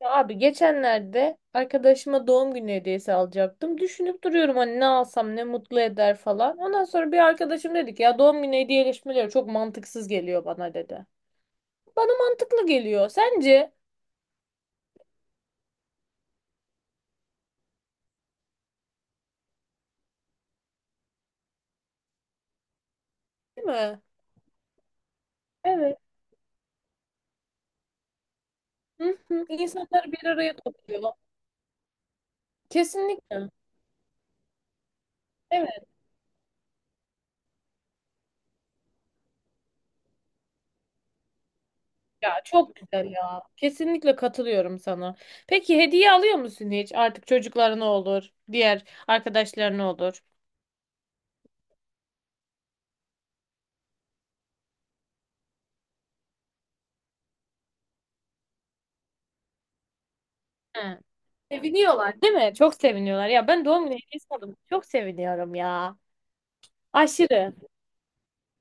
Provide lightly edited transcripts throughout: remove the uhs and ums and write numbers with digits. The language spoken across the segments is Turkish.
Ya abi geçenlerde arkadaşıma doğum günü hediyesi alacaktım. Düşünüp duruyorum hani ne alsam ne mutlu eder falan. Ondan sonra bir arkadaşım dedi ki ya doğum günü hediyeleşmeleri çok mantıksız geliyor bana dedi. Bana mantıklı geliyor. Sence? Değil mi? Evet. Hı hı. İnsanlar bir araya topluyor. Kesinlikle. Evet ya çok güzel ya. Kesinlikle katılıyorum sana. Peki hediye alıyor musun hiç? Artık çocuklarına olur, diğer arkadaşlarına olur. Hı. Seviniyorlar değil mi? Çok seviniyorlar. Ya ben doğum günü hediyesi aldım. Çok seviniyorum ya. Aşırı.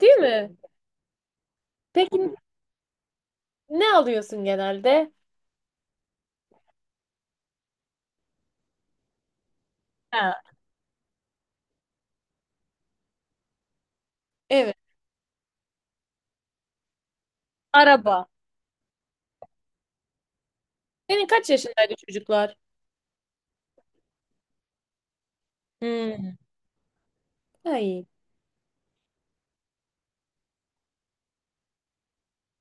Değil mi? Peki ne alıyorsun genelde? Ha, evet. Araba. Senin kaç yaşındaydı çocuklar? Hmm. Ay.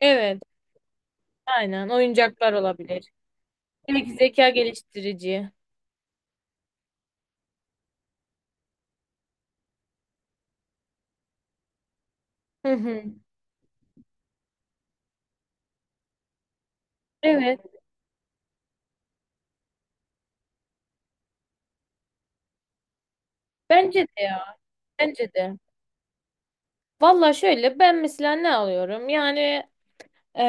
Evet. Aynen. Oyuncaklar olabilir. Belki zeka geliştirici. Hı hı. Evet. Bence de ya. Bence de. Valla şöyle ben mesela ne alıyorum? Yani.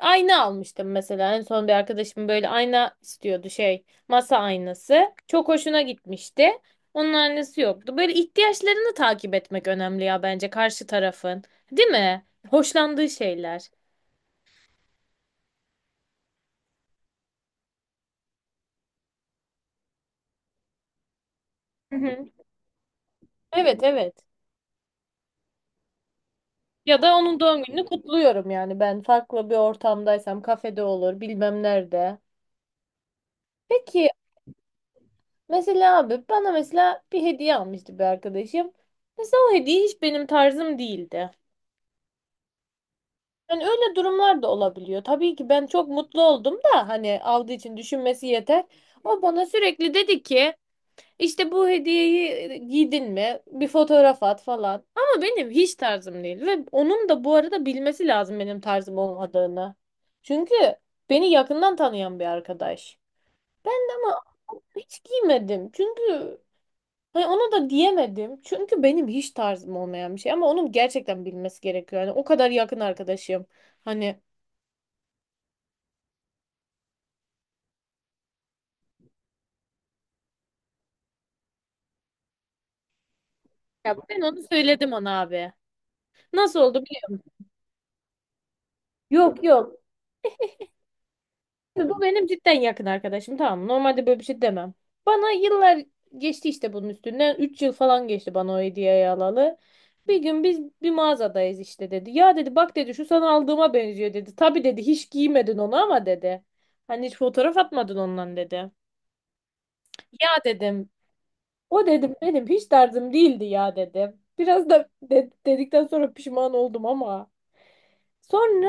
Ayna almıştım mesela. En son bir arkadaşım böyle ayna istiyordu şey. Masa aynası. Çok hoşuna gitmişti. Onun aynası yoktu. Böyle ihtiyaçlarını takip etmek önemli ya bence karşı tarafın. Değil mi? Hoşlandığı şeyler. Hı hı. Evet evet. Ya da onun doğum gününü kutluyorum yani ben farklı bir ortamdaysam kafede olur bilmem nerede. Peki mesela abi bana mesela bir hediye almıştı bir arkadaşım. Mesela o hediye hiç benim tarzım değildi. Yani öyle durumlar da olabiliyor. Tabii ki ben çok mutlu oldum da hani aldığı için düşünmesi yeter. O bana sürekli dedi ki işte bu hediyeyi giydin mi? Bir fotoğraf at falan. Ama benim hiç tarzım değil ve onun da bu arada bilmesi lazım benim tarzım olmadığını. Çünkü beni yakından tanıyan bir arkadaş. Ben de ama hiç giymedim. Çünkü hani ona da diyemedim. Çünkü benim hiç tarzım olmayan bir şey ama onun gerçekten bilmesi gerekiyor. Yani o kadar yakın arkadaşım. Hani. Ya ben onu söyledim ona abi. Nasıl oldu biliyor musun? Yok yok. Şimdi bu benim cidden yakın arkadaşım, tamam mı? Normalde böyle bir şey demem. Bana yıllar geçti işte bunun üstünden. 3 yıl falan geçti bana o hediyeyi alalı. Bir gün biz bir mağazadayız işte dedi. Ya dedi, bak dedi, şu sana aldığıma benziyor dedi. Tabii dedi hiç giymedin onu ama dedi. Hani hiç fotoğraf atmadın ondan dedi. Ya dedim. O dedim benim hiç tarzım değildi ya dedim. Biraz da dedikten sonra pişman oldum ama. Sonra.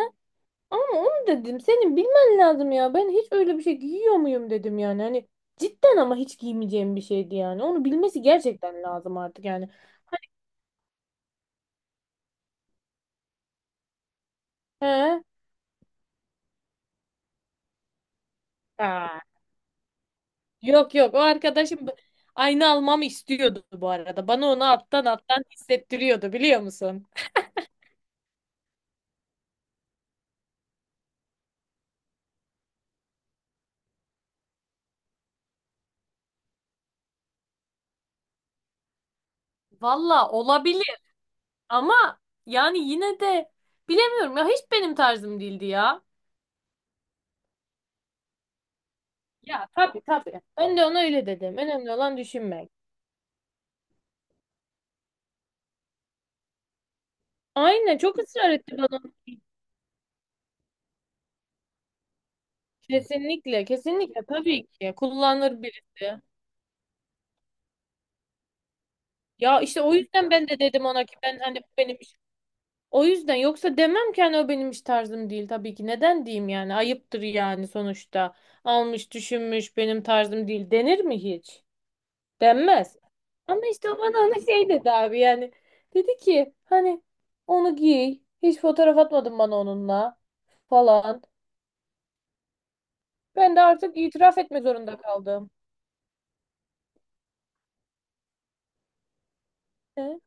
Ama onu dedim senin bilmen lazım ya. Ben hiç öyle bir şey giyiyor muyum dedim yani. Hani cidden ama hiç giymeyeceğim bir şeydi yani. Onu bilmesi gerçekten lazım artık yani. He? Aa, yok yok o arkadaşım aynı almamı istiyordu bu arada. Bana onu alttan alttan hissettiriyordu biliyor musun? Valla olabilir ama yani yine de bilemiyorum ya hiç benim tarzım değildi ya. Ya tabii tabii. Ben de ona öyle dedim. Önemli olan düşünmek. Aynen, çok ısrar etti bana. Kesinlikle, kesinlikle tabii ki kullanır birisi. Ya işte o yüzden ben de dedim ona ki ben hani bu benim iş. O yüzden yoksa demem ki hani o benim iş tarzım değil tabii ki. Neden diyeyim yani? Ayıptır yani sonuçta. Almış, düşünmüş, benim tarzım değil denir mi hiç? Denmez. Ama işte o bana ona şey dedi abi yani. Dedi ki hani onu giy. Hiç fotoğraf atmadın bana onunla falan. Ben de artık itiraf etme zorunda kaldım. E,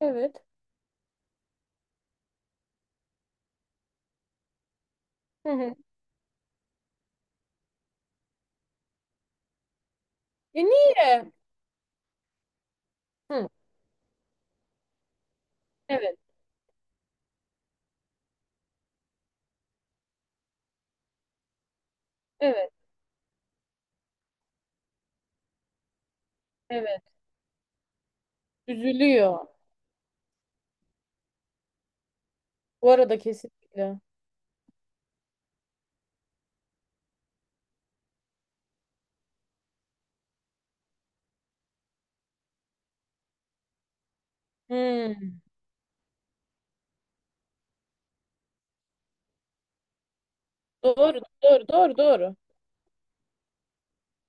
evet. Hı hı. E niye? Hı, evet, evet, evet. Üzülüyor. Bu arada kesinlikle. Hı, doğru, doğru, doğru, doğru.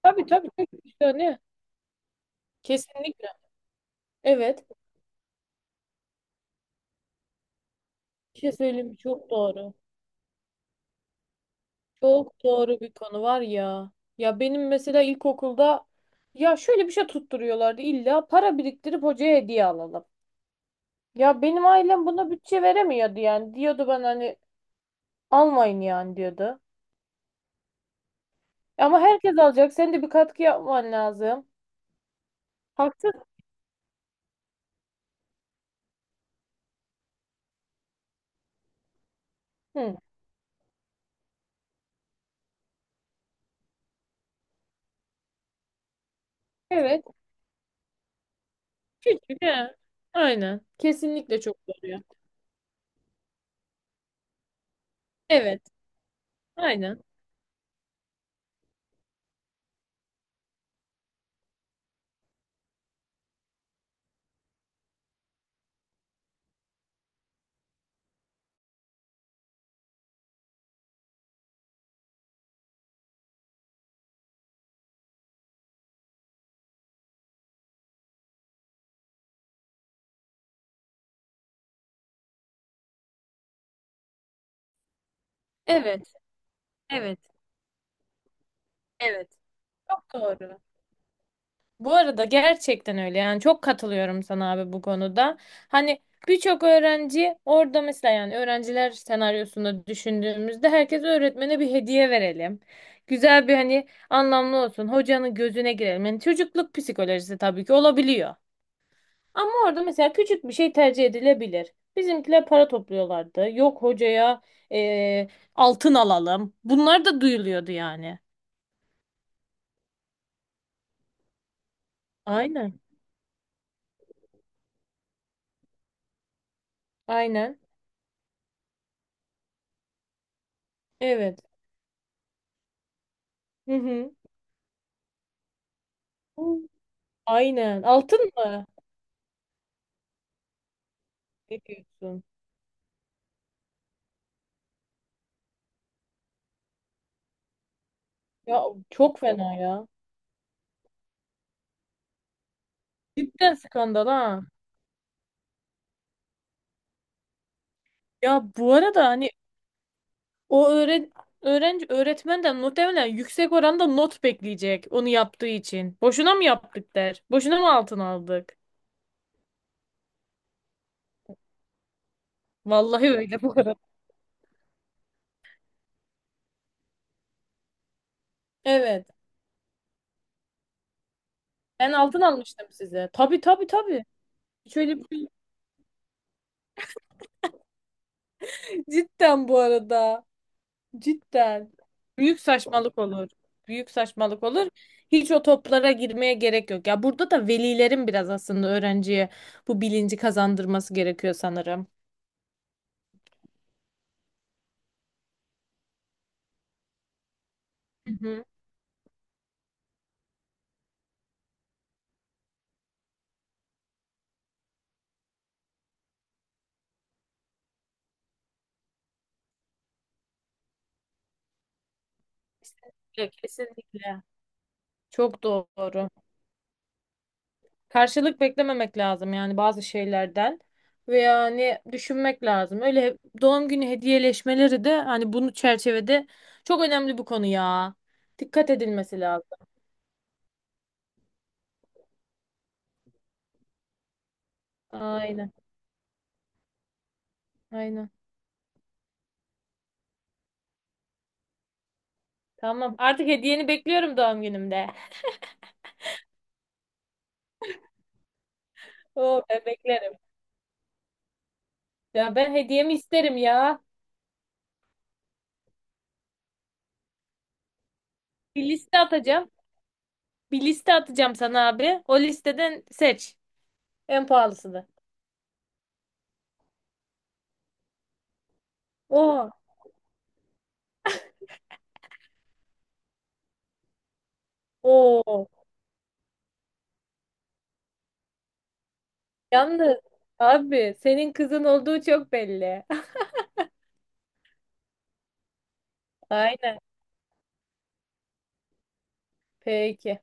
Tabii tabii. Tabii. İşte hani kesinlikle. Evet. Bir şey söyleyeyim mi? Çok doğru. Çok doğru bir konu var ya. Ya benim mesela ilkokulda ya şöyle bir şey tutturuyorlardı. İlla para biriktirip hocaya hediye alalım. Ya benim ailem buna bütçe veremiyordu yani. Diyordu ben hani almayın yani diyordu. Ama herkes alacak. Sen de bir katkı yapman lazım. Haksız. Hı. Evet. Küçük he. Aynen. Kesinlikle çok doğru ya. Evet. Aynen. Evet. Evet. Evet. Çok doğru. Bu arada gerçekten öyle. Yani çok katılıyorum sana abi bu konuda. Hani birçok öğrenci orada mesela yani öğrenciler senaryosunda düşündüğümüzde herkes öğretmene bir hediye verelim. Güzel bir hani anlamlı olsun. Hocanın gözüne girelim. Yani çocukluk psikolojisi tabii ki olabiliyor. Ama orada mesela küçük bir şey tercih edilebilir. Bizimkiler para topluyorlardı. Yok hocaya eee, altın alalım. Bunlar da duyuluyordu yani. Aynen. Aynen. Evet. Hı hı. Hı. Aynen. Altın mı? Ne diyorsun? Ya çok fena ya. Cidden skandal ha. Ya bu arada hani o öğrenci öğretmenden muhtemelen yüksek oranda not bekleyecek onu yaptığı için. Boşuna mı yaptık der? Boşuna mı altın aldık? Vallahi öyle bu arada. Evet. Ben altın almıştım size. Tabii tabii tabii. Hiç öyle Cidden bu arada. Cidden. Büyük saçmalık olur. Büyük saçmalık olur. Hiç o toplara girmeye gerek yok. Ya burada da velilerin biraz aslında öğrenciye bu bilinci kazandırması gerekiyor sanırım. Hı hı. Kesinlikle, kesinlikle. Çok doğru. Karşılık beklememek lazım yani bazı şeylerden ve yani düşünmek lazım. Öyle doğum günü hediyeleşmeleri de hani bunu çerçevede çok önemli bu konu ya. Dikkat edilmesi lazım. Aynen, aynen. Tamam. Artık hediyeni bekliyorum doğum günümde. Oo, ben beklerim. Ya ben hediyemi isterim ya. Bir liste atacağım. Bir liste atacağım sana abi. O listeden seç. En pahalısını. Oo, oo. Yalnız abi senin kızın olduğu çok belli. Aynen. Peki.